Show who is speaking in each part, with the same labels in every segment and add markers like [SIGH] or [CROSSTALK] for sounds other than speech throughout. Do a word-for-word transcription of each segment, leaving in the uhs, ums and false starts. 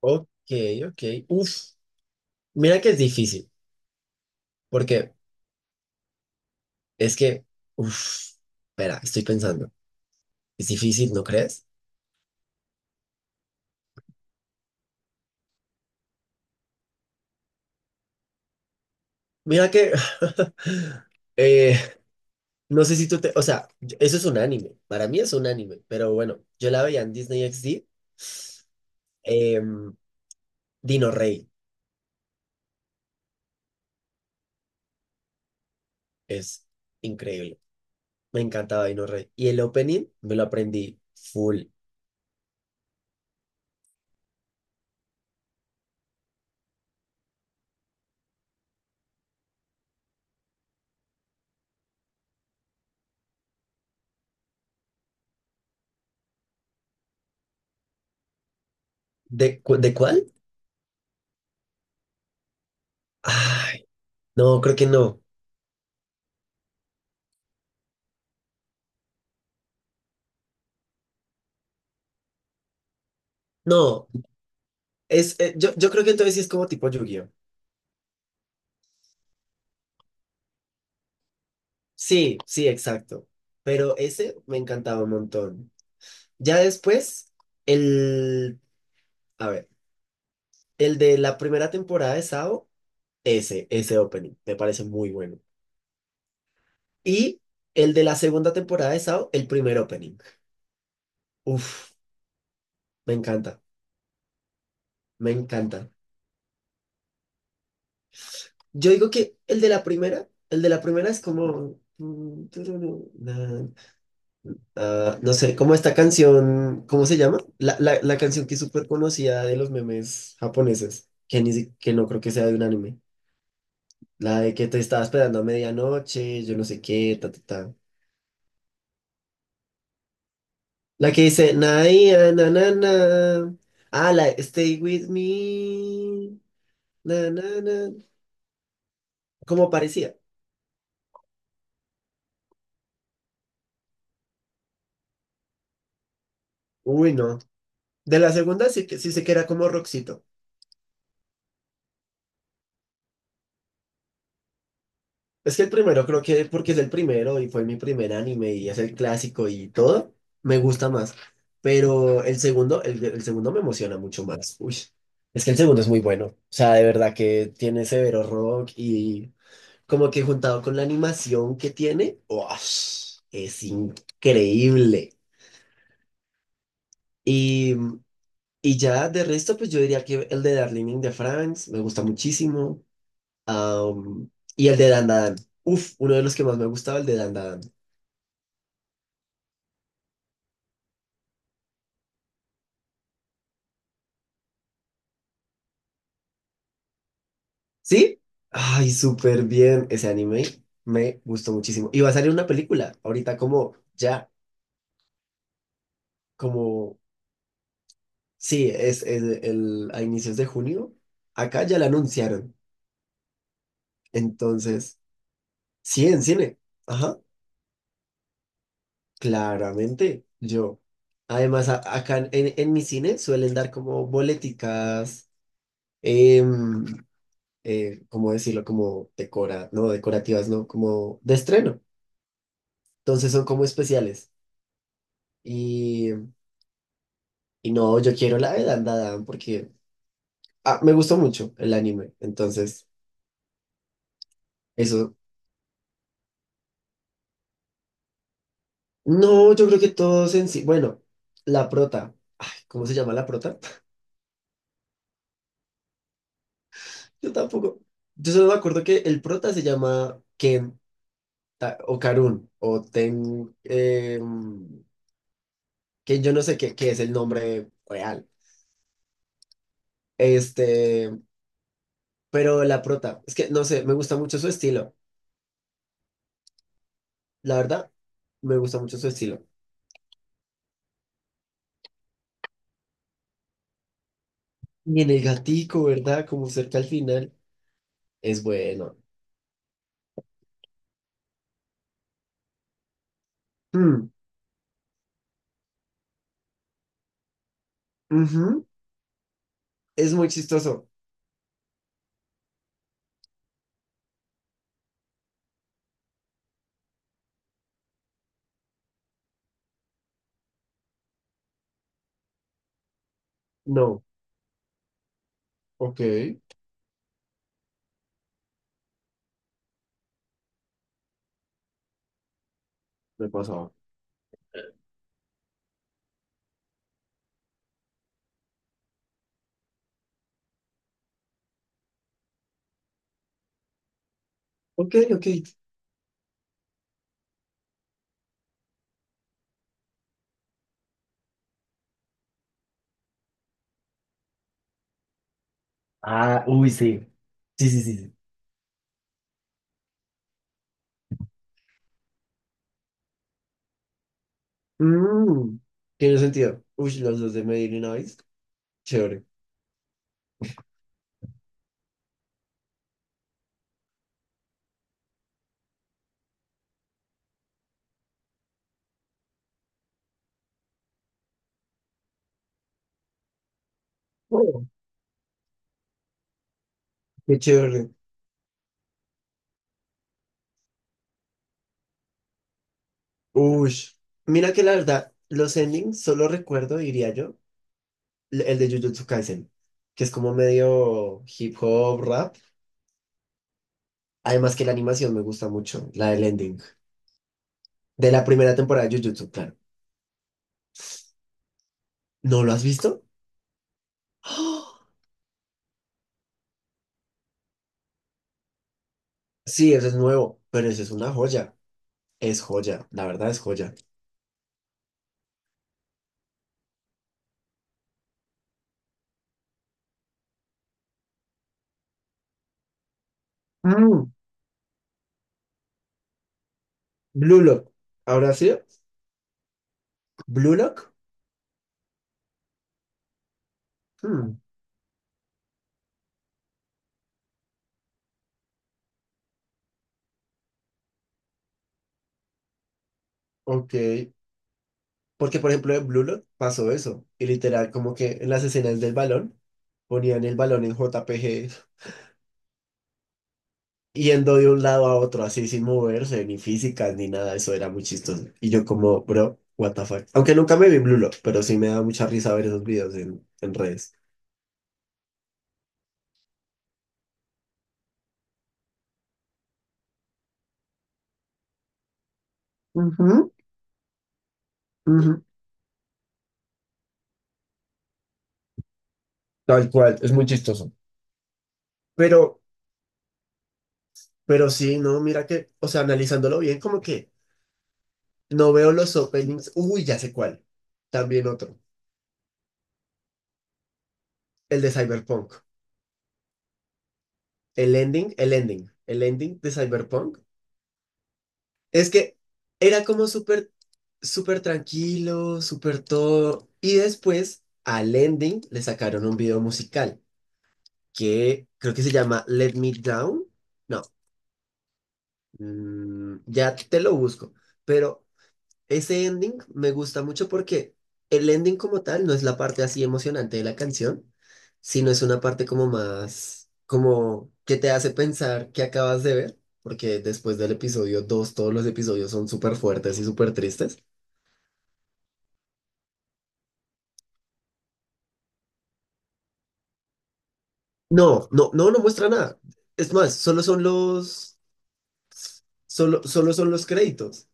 Speaker 1: Ok, ok. Uf, mira que es difícil, porque es que, uf, espera, estoy pensando. Es difícil, ¿no crees? Mira que, [LAUGHS] eh, no sé si tú te, o sea, yo- eso es un anime, para mí es un anime, pero bueno, yo la veía en Disney X D, em, Dino Rey, es increíble, me encantaba Dino Rey. Y el opening me lo aprendí full. ¿De, cu- de cuál? Ay, no, creo que no. No, es, eh, yo, yo creo que entonces sí es como tipo Yu-Gi-Oh! Sí, sí, exacto. Pero ese me encantaba un montón. Ya después, el, a ver, el de la primera temporada de Sao, ese, ese opening, me parece muy bueno. Y el de la segunda temporada de Sao, el primer opening. Uf, me encanta, me encanta. Yo digo que el de la primera, el de la primera es como… Ah, no sé, como esta canción, ¿cómo se llama? La, la, la canción que es súper conocida de los memes japoneses, que, ni, si- que no creo que sea de un anime. La de que te estaba esperando a medianoche, yo no sé qué, ta, ta, ta. La que dice, na, ia, na, na, na. Ah, la de Stay With Me, na, na, na. Como parecía. Uy, no. De la segunda sí, que- sí sé que era como rockcito. Es que el primero creo que porque es el primero y fue mi primer anime y es el clásico y todo, me gusta más. Pero el segundo, el, el segundo me emociona mucho más. Uy, es que el segundo es muy bueno. O sea, de verdad que tiene severo rock y como que juntado con la animación que tiene, ¡uash! Es increíble. Y, y ya de resto, pues yo diría que el de Darling in the France me gusta muchísimo. Am, y el de Dan Dan. Uf, uno de los que más me gustaba, el de Dan Dan. ¿Sí? Ay, súper bien. Ese anime me gustó muchísimo. Y va a salir una película ahorita como ya, como, sí, es, es el, a inicios de junio. Acá ya la anunciaron. Entonces, sí, en cine. Ajá, claramente yo. Además, a- acá en, en mi cine suelen dar como boleticas, em, eh, ¿cómo decirlo? Como decora, no, decorativas, no, como de estreno. Entonces son como especiales. Y Y no, yo quiero la de Dandadan porque ah, me gustó mucho el anime. Entonces, eso. No, yo creo que todos en sí. Bueno, la prota. Ay, ¿cómo se llama la prota? [LAUGHS] Yo tampoco. Yo solo me acuerdo que el prota se llama Ken Ta- o Karun o Ten. eh, Ken, yo no sé qué, qué es el nombre real. Este, pero la prota. Es que no sé, me gusta mucho su estilo. La verdad, me gusta mucho su estilo. Y en el gatico, ¿verdad? Como cerca al final. Es bueno. Mm, ujú. Es muy chistoso. No. Ok. Me pasaba. Ok, ok. Ah, uy, sí. Sí, sí, sí, sí. Mm, tiene sentido. Uy, los dos de Medellín, Noise. Chévere. Oh, qué chévere. Uy. Mira que la verdad, los endings solo recuerdo, diría yo, l- el de Jujutsu Kaisen, que es como medio hip hop, rap. Además que la animación me gusta mucho, la del ending. De la primera temporada de Jujutsu, claro. ¿No lo has visto? [GASPS] Sí, eso es nuevo, pero eso es una joya. Es joya, la verdad es joya. Mm, Blue Lock. ¿Ahora sí? ¿Blue Lock? Mm, ok. Porque, por ejemplo, en Blue Lock pasó eso. Y literal, como que en las escenas del balón, ponían el balón en J P G yendo de un lado a otro, así sin moverse, ni físicas, ni nada. Eso era muy chistoso. Y yo como, bro, what the fuck. Aunque nunca me vi Blue Lock, pero sí me da mucha risa ver esos videos en, en redes. Ujú, ujú. Tal cual, es muy chistoso. Pero Pero sí, no, mira que, o sea, analizándolo bien, como que no veo los openings. Uy, ya sé cuál. También otro. El de Cyberpunk. El ending, el ending. El ending de Cyberpunk. Es que era como súper, súper tranquilo, súper todo. Y después al ending le sacaron un video musical que creo que se llama Let Me Down. No, mm, ya te lo busco. Pero ese ending me gusta mucho porque el ending como tal no es la parte así emocionante de la canción, sino es una parte como más, como que te hace pensar que acabas de ver, porque después del episodio dos todos los episodios son súper fuertes y súper tristes. No, no, no, no muestra nada. Es más, solo son los, solo, solo son los créditos.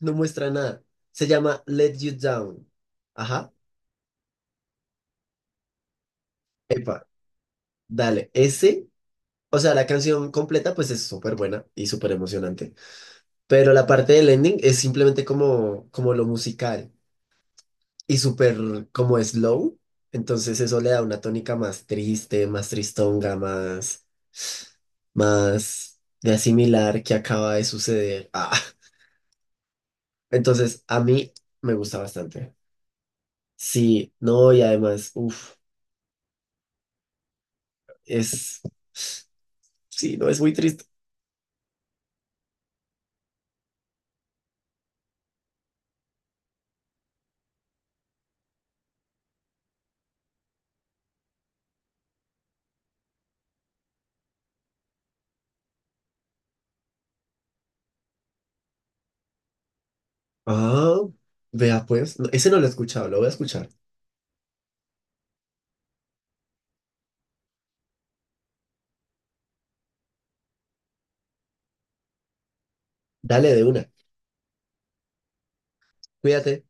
Speaker 1: No muestra nada. Se llama Let You Down. Ajá. Epa, dale. Ese o sea, la canción completa pues es súper buena y súper emocionante, pero la parte del ending es simplemente como, como lo musical y súper como slow, entonces eso le da una tónica más triste, más tristonga, más, más de asimilar que acaba de suceder. Ah, entonces a mí me gusta bastante. Sí, no, y además, uff, es, sí, no, es muy triste. Ah, vea pues, no, ese no lo he escuchado, lo voy a escuchar. Dale de una. Cuídate.